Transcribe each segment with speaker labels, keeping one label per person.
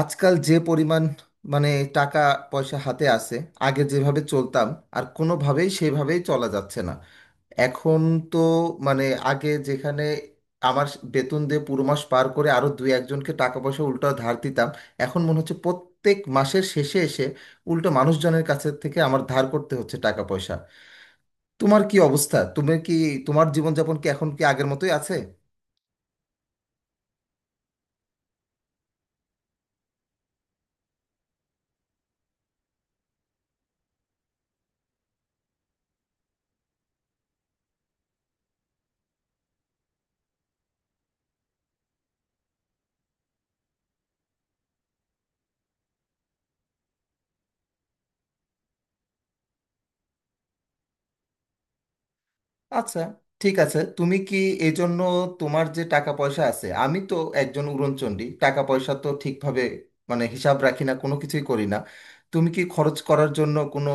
Speaker 1: আজকাল যে পরিমাণ মানে টাকা পয়সা হাতে আছে, আগে যেভাবে চলতাম আর কোনোভাবেই সেভাবেই চলা যাচ্ছে না এখন তো। মানে আগে যেখানে আমার বেতন দিয়ে পুরো মাস পার করে আরো দুই একজনকে টাকা পয়সা উল্টো ধার দিতাম, এখন মনে হচ্ছে প্রত্যেক মাসের শেষে এসে উল্টো মানুষজনের কাছে থেকে আমার ধার করতে হচ্ছে টাকা পয়সা। তোমার কি অবস্থা? তুমি কি, তোমার জীবনযাপন কি এখন কি আগের মতোই আছে? আচ্ছা, ঠিক আছে। তুমি কি এই জন্য, তোমার যে টাকা পয়সা আছে, আমি তো একজন উড়নচণ্ডী, টাকা পয়সা তো ঠিকভাবে মানে হিসাব রাখি না, কোনো কিছুই করি না। তুমি কি খরচ করার জন্য কোনো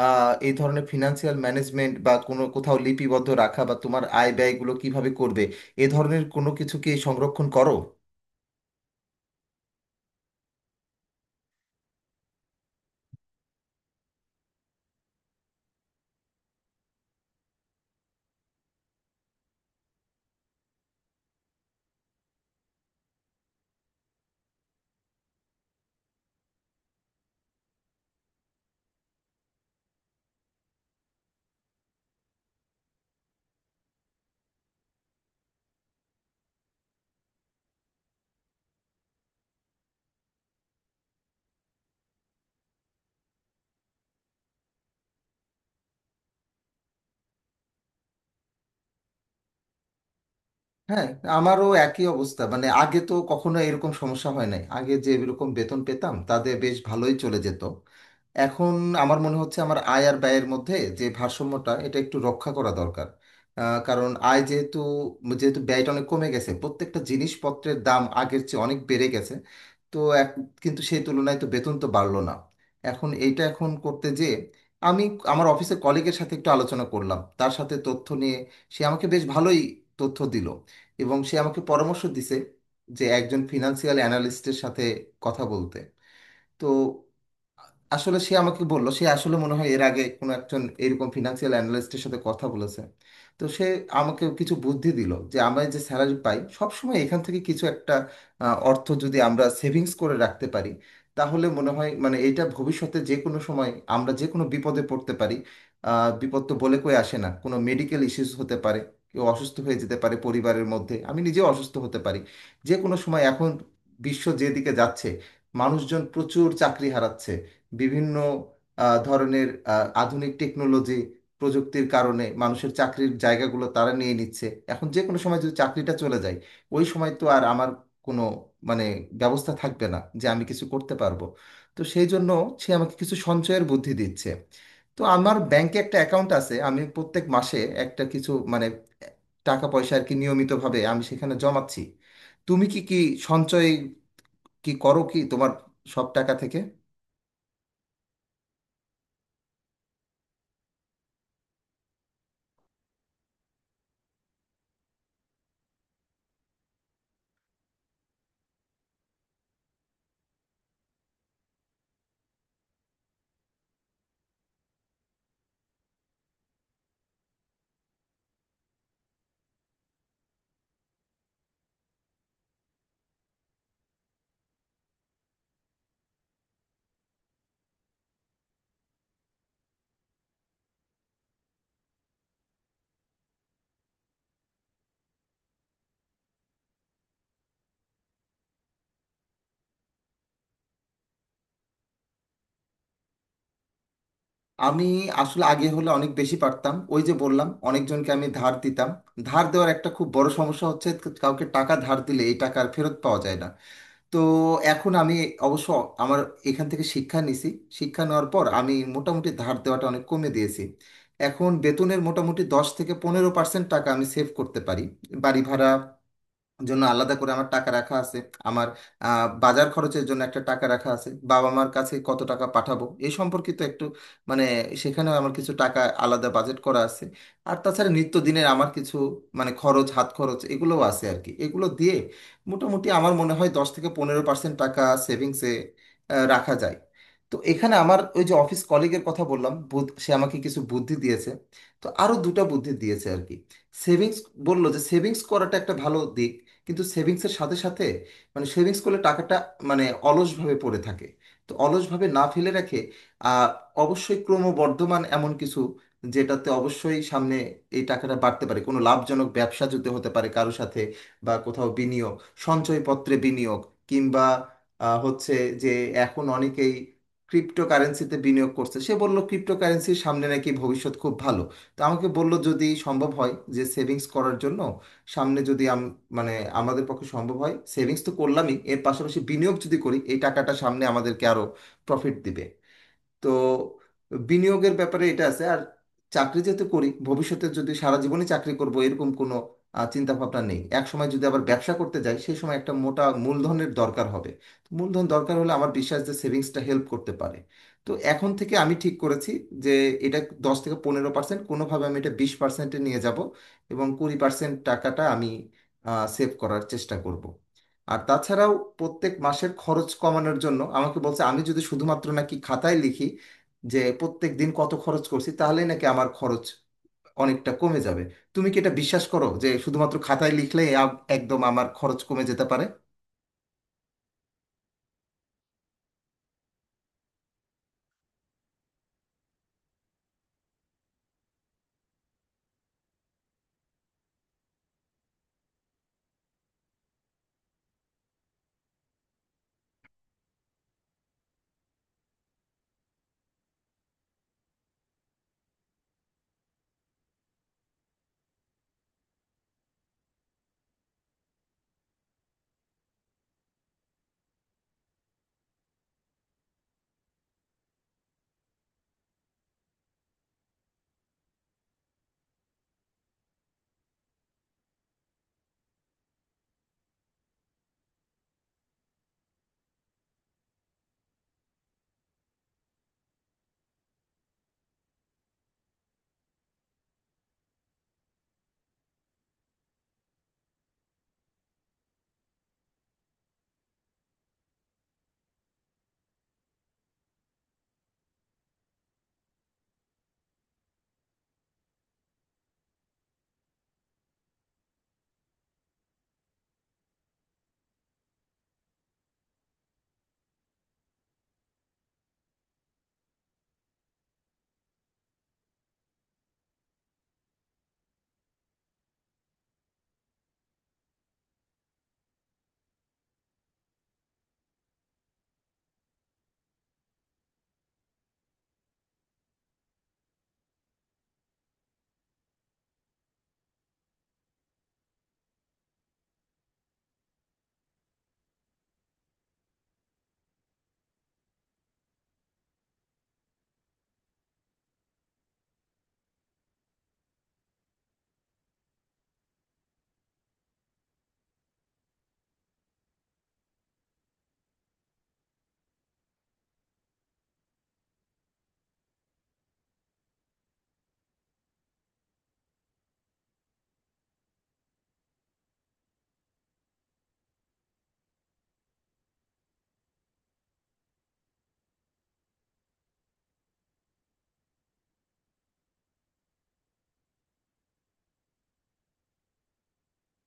Speaker 1: এই ধরনের ফিনান্সিয়াল ম্যানেজমেন্ট বা কোনো কোথাও লিপিবদ্ধ রাখা বা তোমার আয় ব্যয়গুলো কিভাবে করবে, এ ধরনের কোনো কিছু কি সংরক্ষণ করো? হ্যাঁ, আমারও একই অবস্থা। মানে আগে তো কখনো এরকম সমস্যা হয় নাই, আগে যে এরকম বেতন পেতাম তাতে বেশ ভালোই চলে যেত। এখন আমার মনে হচ্ছে আমার আয় আর ব্যয়ের মধ্যে যে ভারসাম্যটা এটা একটু রক্ষা করা দরকার। কারণ আয় যেহেতু যেহেতু ব্যয়টা অনেক কমে গেছে, প্রত্যেকটা জিনিসপত্রের দাম আগের চেয়ে অনেক বেড়ে গেছে, তো এক, কিন্তু সেই তুলনায় তো বেতন তো বাড়লো না। এখন এইটা এখন করতে, যে আমি আমার অফিসের কলিগের সাথে একটু আলোচনা করলাম, তার সাথে তথ্য নিয়ে সে আমাকে বেশ ভালোই তথ্য দিল এবং সে আমাকে পরামর্শ দিছে যে একজন ফিনান্সিয়াল অ্যানালিস্টের সাথে কথা বলতে। তো আসলে সে আমাকে বললো, সে আসলে মনে হয় এর আগে কোনো একজন এরকম ফিনান্সিয়াল অ্যানালিস্টের সাথে কথা বলেছে। তো সে আমাকে কিছু বুদ্ধি দিল যে আমরা যে স্যালারি পাই সবসময় এখান থেকে কিছু একটা অর্থ যদি আমরা সেভিংস করে রাখতে পারি, তাহলে মনে হয় মানে এটা ভবিষ্যতে যে কোনো সময় আমরা যে কোনো বিপদে পড়তে পারি। বিপদ তো বলে কই আসে না, কোনো মেডিকেল ইস্যুস হতে পারে, কেউ অসুস্থ হয়ে যেতে পারে পরিবারের মধ্যে, আমি নিজেও অসুস্থ হতে পারি যে কোনো সময়। এখন বিশ্ব যেদিকে যাচ্ছে, মানুষজন প্রচুর চাকরি হারাচ্ছে, বিভিন্ন ধরনের আধুনিক টেকনোলজি প্রযুক্তির কারণে মানুষের চাকরির জায়গাগুলো তারা নিয়ে নিচ্ছে। এখন যে কোনো সময় যদি চাকরিটা চলে যায়, ওই সময় তো আর আমার কোনো মানে ব্যবস্থা থাকবে না যে আমি কিছু করতে পারবো। তো সেই জন্য সে আমাকে কিছু সঞ্চয়ের বুদ্ধি দিচ্ছে। তো আমার ব্যাংকে একটা অ্যাকাউন্ট আছে, আমি প্রত্যেক মাসে একটা কিছু মানে টাকা পয়সা আর কি নিয়মিতভাবে আমি সেখানে জমাচ্ছি। তুমি কি কি সঞ্চয় কি করো কি তোমার সব টাকা থেকে? আমি আসলে আগে হলে অনেক বেশি পারতাম, ওই যে বললাম অনেকজনকে আমি ধার দিতাম। ধার দেওয়ার একটা খুব বড় সমস্যা হচ্ছে, কাউকে টাকা ধার দিলে এই টাকা আর ফেরত পাওয়া যায় না। তো এখন আমি অবশ্য আমার এখান থেকে শিক্ষা নিছি। শিক্ষা নেওয়ার পর আমি মোটামুটি ধার দেওয়াটা অনেক কমে দিয়েছি। এখন বেতনের মোটামুটি 10 থেকে 15% টাকা আমি সেভ করতে পারি। বাড়ি ভাড়া জন্য আলাদা করে আমার টাকা রাখা আছে, আমার বাজার খরচের জন্য একটা টাকা রাখা আছে, বাবা মার কাছে কত টাকা পাঠাবো এই সম্পর্কিত একটু মানে সেখানেও আমার কিছু টাকা আলাদা বাজেট করা আছে। আর তাছাড়া নিত্যদিনের আমার কিছু মানে খরচ, হাত খরচ, এগুলোও আছে আর কি। এগুলো দিয়ে মোটামুটি আমার মনে হয় 10 থেকে 15% টাকা সেভিংসে রাখা যায়। তো এখানে আমার ওই যে অফিস কলিগের কথা বললাম, সে আমাকে কিছু বুদ্ধি দিয়েছে। তো আরো দুটো বুদ্ধি দিয়েছে আর কি। সেভিংস, বললো যে সেভিংস করাটা একটা ভালো দিক, কিন্তু সেভিংসের সাথে সাথে মানে সেভিংস করলে টাকাটা মানে অলসভাবে পড়ে থাকে। তো অলসভাবে না ফেলে রেখে আহ, অবশ্যই ক্রমবর্ধমান এমন কিছু, যেটাতে অবশ্যই সামনে এই টাকাটা বাড়তে পারে, কোনো লাভজনক ব্যবসা যদি হতে পারে কারো সাথে, বা কোথাও বিনিয়োগ, সঞ্চয়পত্রে বিনিয়োগ, কিংবা হচ্ছে যে এখন অনেকেই ক্রিপ্টোকারেন্সিতে বিনিয়োগ করছে। সে বলল ক্রিপ্টোকারেন্সির সামনে নাকি ভবিষ্যৎ খুব ভালো। তো আমাকে বলল যদি সম্ভব হয় যে সেভিংস করার জন্য, সামনে যদি মানে আমাদের পক্ষে সম্ভব হয় সেভিংস তো করলামই, এর পাশাপাশি বিনিয়োগ যদি করি এই টাকাটা সামনে আমাদেরকে আরো প্রফিট দিবে। তো বিনিয়োগের ব্যাপারে এটা আছে। আর চাকরি যেহেতু করি, ভবিষ্যতে যদি সারা জীবনই চাকরি করব এরকম কোনো চিন্তা ভাবনা নেই, এক সময় যদি আবার ব্যবসা করতে যাই সেই সময় একটা মোটা মূলধনের দরকার হবে। তো মূলধন দরকার হলে আমার বিশ্বাস যে সেভিংসটা হেল্প করতে পারে। তো এখন থেকে আমি ঠিক করেছি যে এটা 10 থেকে 15% কোনোভাবে আমি এটা 20%-এ নিয়ে যাব, এবং 20% টাকাটা আমি সেভ করার চেষ্টা করব। আর তাছাড়াও প্রত্যেক মাসের খরচ কমানোর জন্য আমাকে বলছে আমি যদি শুধুমাত্র নাকি খাতায় লিখি যে প্রত্যেক দিন কত খরচ করছি, তাহলেই নাকি আমার খরচ অনেকটা কমে যাবে। তুমি কি এটা বিশ্বাস করো যে শুধুমাত্র খাতায় লিখলে একদম আমার খরচ কমে যেতে পারে?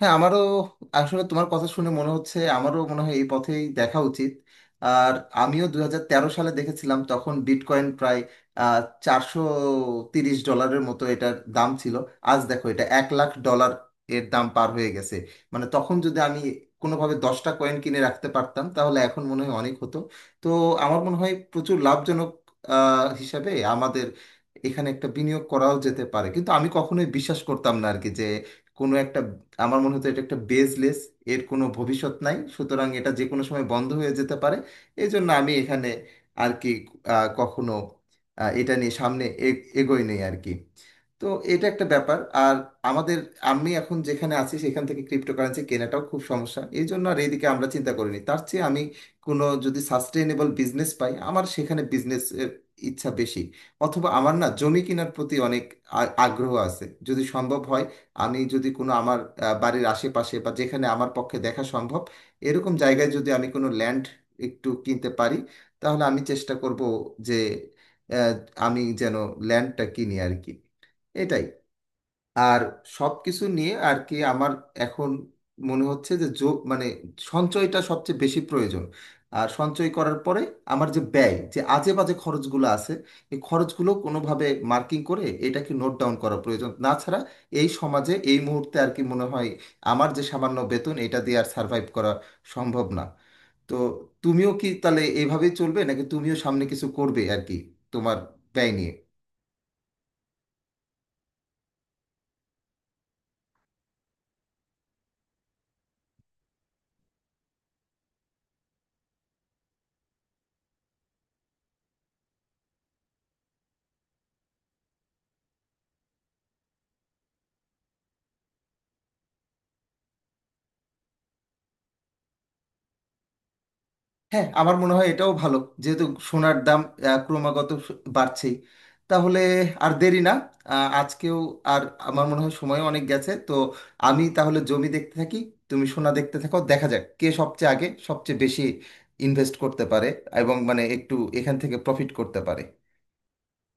Speaker 1: হ্যাঁ, আমারও আসলে তোমার কথা শুনে মনে হচ্ছে, আমারও মনে হয় এই পথেই দেখা উচিত। আর আমিও 2013 সালে দেখেছিলাম, তখন বিটকয়েন প্রায় $430-এর মতো এটার দাম ছিল। আজ দেখো এটা $1,00,000 এর দাম পার হয়ে গেছে। মানে তখন যদি আমি কোনোভাবে 10টা কয়েন কিনে রাখতে পারতাম তাহলে এখন মনে হয় অনেক হতো। তো আমার মনে হয় প্রচুর লাভজনক হিসাবে আমাদের এখানে একটা বিনিয়োগ করাও যেতে পারে, কিন্তু আমি কখনোই বিশ্বাস করতাম না আর কি যে কোনো একটা, আমার মনে হতো এটা একটা বেসলেস, এর কোনো ভবিষ্যৎ নাই, সুতরাং এটা যে কোনো সময় বন্ধ হয়ে যেতে পারে। এই জন্য আমি এখানে আর কি কখনো এটা নিয়ে সামনে এগোই নেই আর কি। তো এটা একটা ব্যাপার। আর আমাদের, আমি এখন যেখানে আছি সেখান থেকে ক্রিপ্টোকারেন্সি কেনাটাও খুব সমস্যা, এই জন্য আর এইদিকে আমরা চিন্তা করিনি। তার চেয়ে আমি কোনো যদি সাস্টেইনেবল বিজনেস পাই, আমার সেখানে বিজনেস ইচ্ছা বেশি। অথবা আমার না জমি কেনার প্রতি অনেক আগ্রহ আছে। যদি সম্ভব হয় আমি যদি কোনো আমার বাড়ির আশেপাশে বা যেখানে আমার পক্ষে দেখা সম্ভব এরকম জায়গায় যদি আমি কোনো ল্যান্ড একটু কিনতে পারি, তাহলে আমি চেষ্টা করব যে আহ, আমি যেন ল্যান্ডটা কিনি আর কি। এটাই। আর সবকিছু নিয়ে আর কি আমার এখন মনে হচ্ছে যে যোগ মানে সঞ্চয়টা সবচেয়ে বেশি প্রয়োজন। আর সঞ্চয় করার পরে আমার যে ব্যয়, যে আজে বাজে খরচগুলো আছে, এই খরচগুলো কোনোভাবে মার্কিং করে এটাকে নোট ডাউন করা প্রয়োজন, না ছাড়া এই সমাজে এই মুহূর্তে আর কি মনে হয় আমার যে সামান্য বেতন এটা দিয়ে আর সার্ভাইভ করা সম্ভব না। তো তুমিও কি তাহলে এইভাবেই চলবে, নাকি তুমিও সামনে কিছু করবে আর কি তোমার ব্যয় নিয়ে? হ্যাঁ, আমার মনে হয় এটাও ভালো, যেহেতু সোনার দাম ক্রমাগত বাড়ছেই। তাহলে আর দেরি না, আজকেও, আর আমার মনে হয় সময়ও অনেক গেছে। তো আমি তাহলে জমি দেখতে থাকি, তুমি সোনা দেখতে থাকো, দেখা যাক কে সবচেয়ে আগে সবচেয়ে বেশি ইনভেস্ট করতে পারে এবং মানে একটু এখান থেকে প্রফিট করতে পারে।